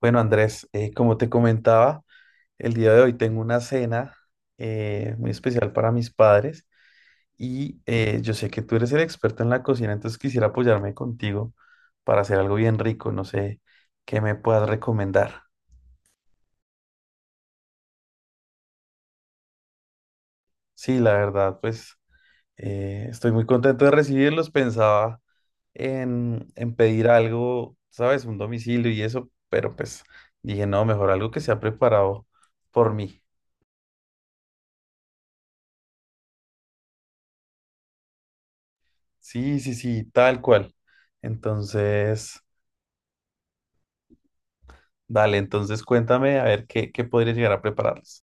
Bueno, Andrés, como te comentaba, el día de hoy tengo una cena muy especial para mis padres y yo sé que tú eres el experto en la cocina, entonces quisiera apoyarme contigo para hacer algo bien rico. No sé qué me puedas recomendar. Sí, la verdad, pues estoy muy contento de recibirlos. Pensaba en pedir algo, ¿sabes? Un domicilio y eso, pero pues dije, no, mejor algo que sea preparado por mí. Sí, sí, sí, tal cual. Entonces, dale, entonces cuéntame a ver qué, qué podría llegar a prepararles.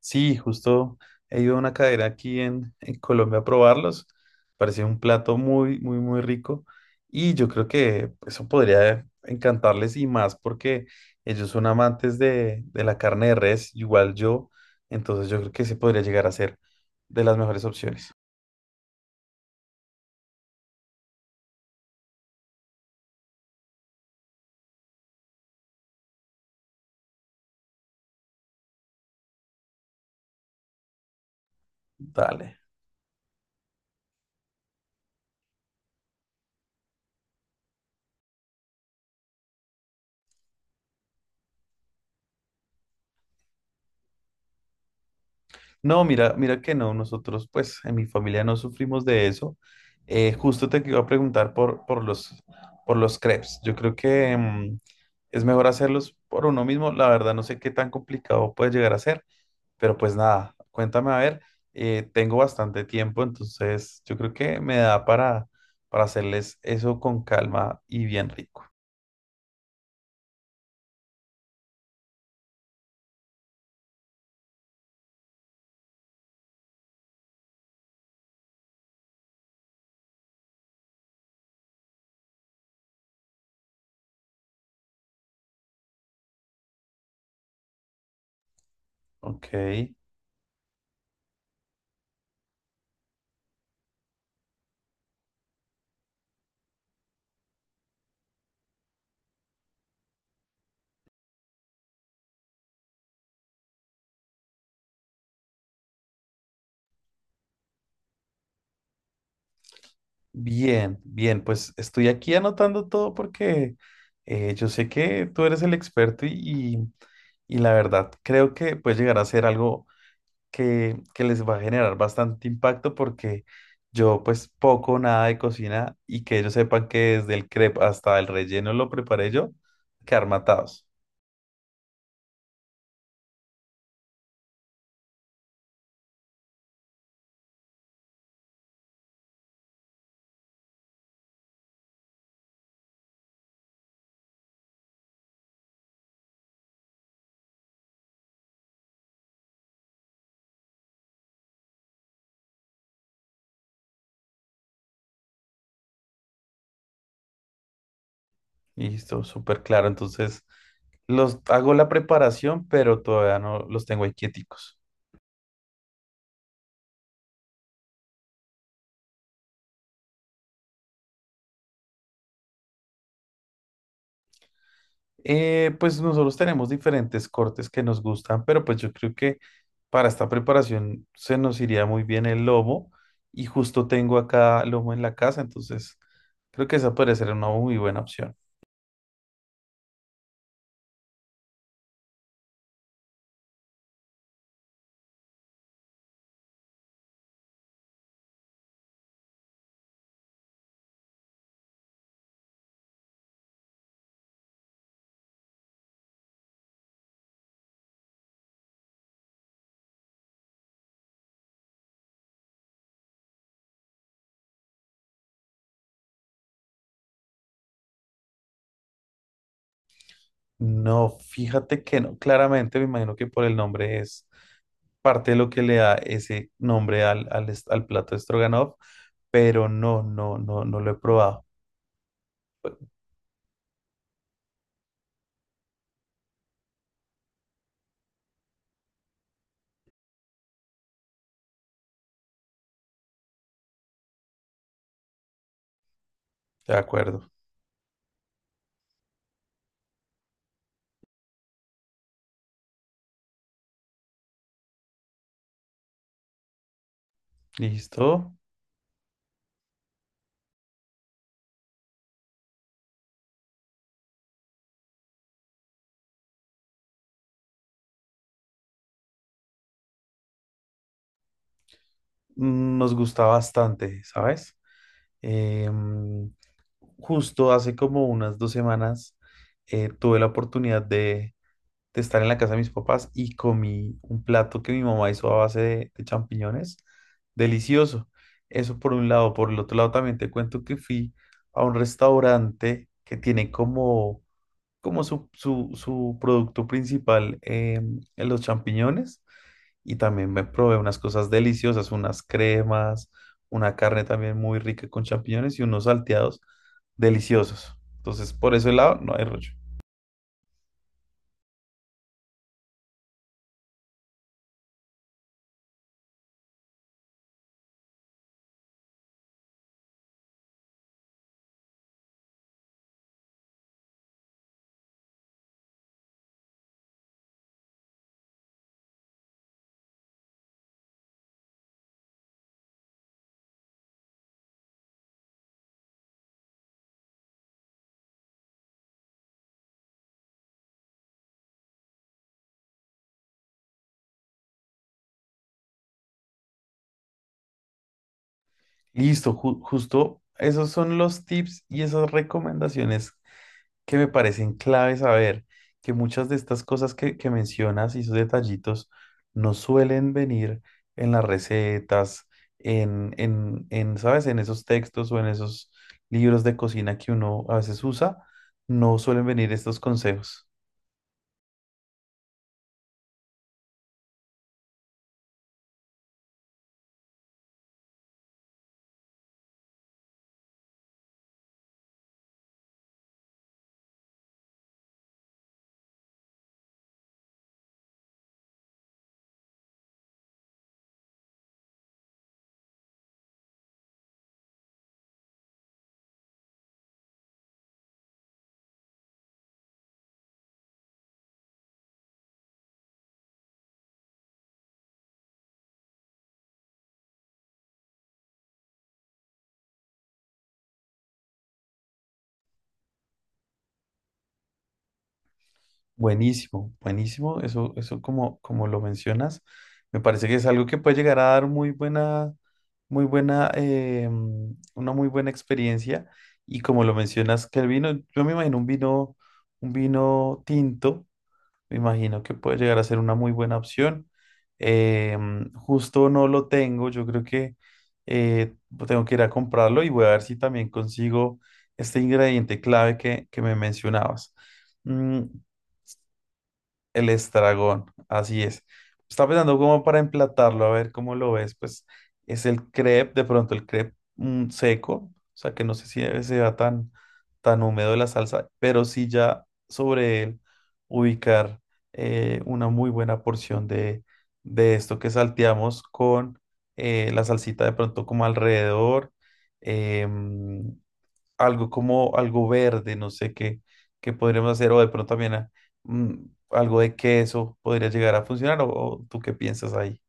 Sí, justo he ido a una cadera aquí en Colombia a probarlos. Parecía un plato muy, muy, muy rico. Y yo creo que eso podría encantarles y más porque ellos son amantes de la carne de res, igual yo. Entonces yo creo que ese podría llegar a ser de las mejores opciones. Dale. No, mira, mira que no, nosotros pues en mi familia no sufrimos de eso. Justo te iba a preguntar por los crepes. Yo creo que es mejor hacerlos por uno mismo. La verdad no sé qué tan complicado puede llegar a ser, pero pues nada, cuéntame a ver. Tengo bastante tiempo, entonces yo creo que me da para hacerles eso con calma y bien rico. Ok. Bien, bien, pues estoy aquí anotando todo porque yo sé que tú eres el experto y- y la verdad creo que puede llegar a ser algo que les va a generar bastante impacto porque yo pues poco o nada de cocina y que ellos sepan que desde el crepe hasta el relleno lo preparé yo, quedar matados. Listo, súper claro. Entonces los hago la preparación, pero todavía no los tengo ahí quieticos. Pues nosotros tenemos diferentes cortes que nos gustan, pero pues yo creo que para esta preparación se nos iría muy bien el lomo y justo tengo acá lomo en la casa, entonces creo que esa podría ser una muy buena opción. No, fíjate que no, claramente me imagino que por el nombre es parte de lo que le da ese nombre al plato de Stroganoff, pero no, no, no, no lo he probado. De acuerdo. Listo. Mm, nos gusta bastante, ¿sabes? Em, justo hace como unas dos semanas tuve la oportunidad de estar en la casa de mis papás y comí un plato que mi mamá hizo a base de champiñones. Delicioso. Eso por un lado. Por el otro lado también te cuento que fui a un restaurante que tiene como, como su producto principal los champiñones y también me probé unas cosas deliciosas, unas cremas, una carne también muy rica con champiñones y unos salteados deliciosos. Entonces, por ese lado, no hay rollo. Listo, justo esos son los tips y esas recomendaciones que me parecen clave saber que muchas de estas cosas que mencionas y esos detallitos no suelen venir en las recetas, ¿sabes? En esos textos o en esos libros de cocina que uno a veces usa, no suelen venir estos consejos. Buenísimo, buenísimo. Eso como, como lo mencionas, me parece que es algo que puede llegar a dar muy buena, una muy buena experiencia. Y como lo mencionas, que el vino, yo me imagino un vino tinto, me imagino que puede llegar a ser una muy buena opción. Justo no lo tengo, yo creo que eh, tengo que ir a comprarlo y voy a ver si también consigo este ingrediente clave que me mencionabas. Mm, el estragón, así es. Está pensando como para emplatarlo, a ver cómo lo ves. Pues es el crepe, de pronto el crepe seco, o sea que no sé si debe sea tan, tan húmedo la salsa, pero sí ya sobre él ubicar una muy buena porción de esto que salteamos con la salsita de pronto como alrededor. em, Algo como algo verde, no sé qué, qué podríamos hacer, o de pronto también mm, algo de queso podría llegar a funcionar, o tú qué piensas ahí.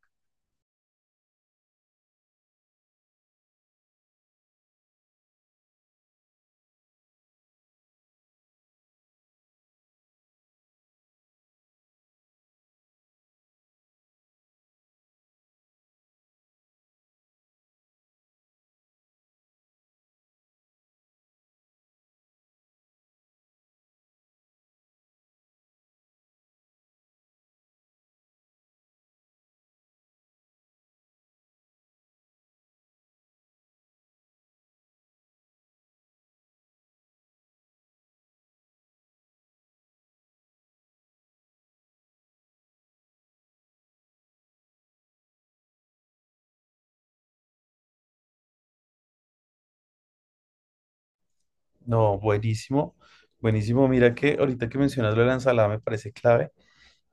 No, buenísimo, buenísimo. Mira que ahorita que mencionas lo de la ensalada me parece clave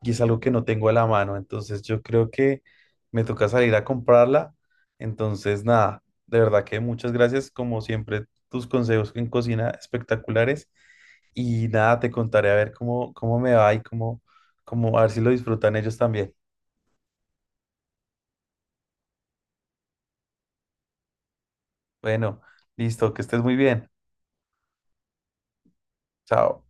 y es algo que no tengo a la mano, entonces yo creo que me toca salir a comprarla. Entonces, nada, de verdad que muchas gracias, como siempre, tus consejos en cocina espectaculares y nada, te contaré a ver cómo, cómo me va y cómo, cómo, a ver si lo disfrutan ellos también. Bueno, listo, que estés muy bien. Chao.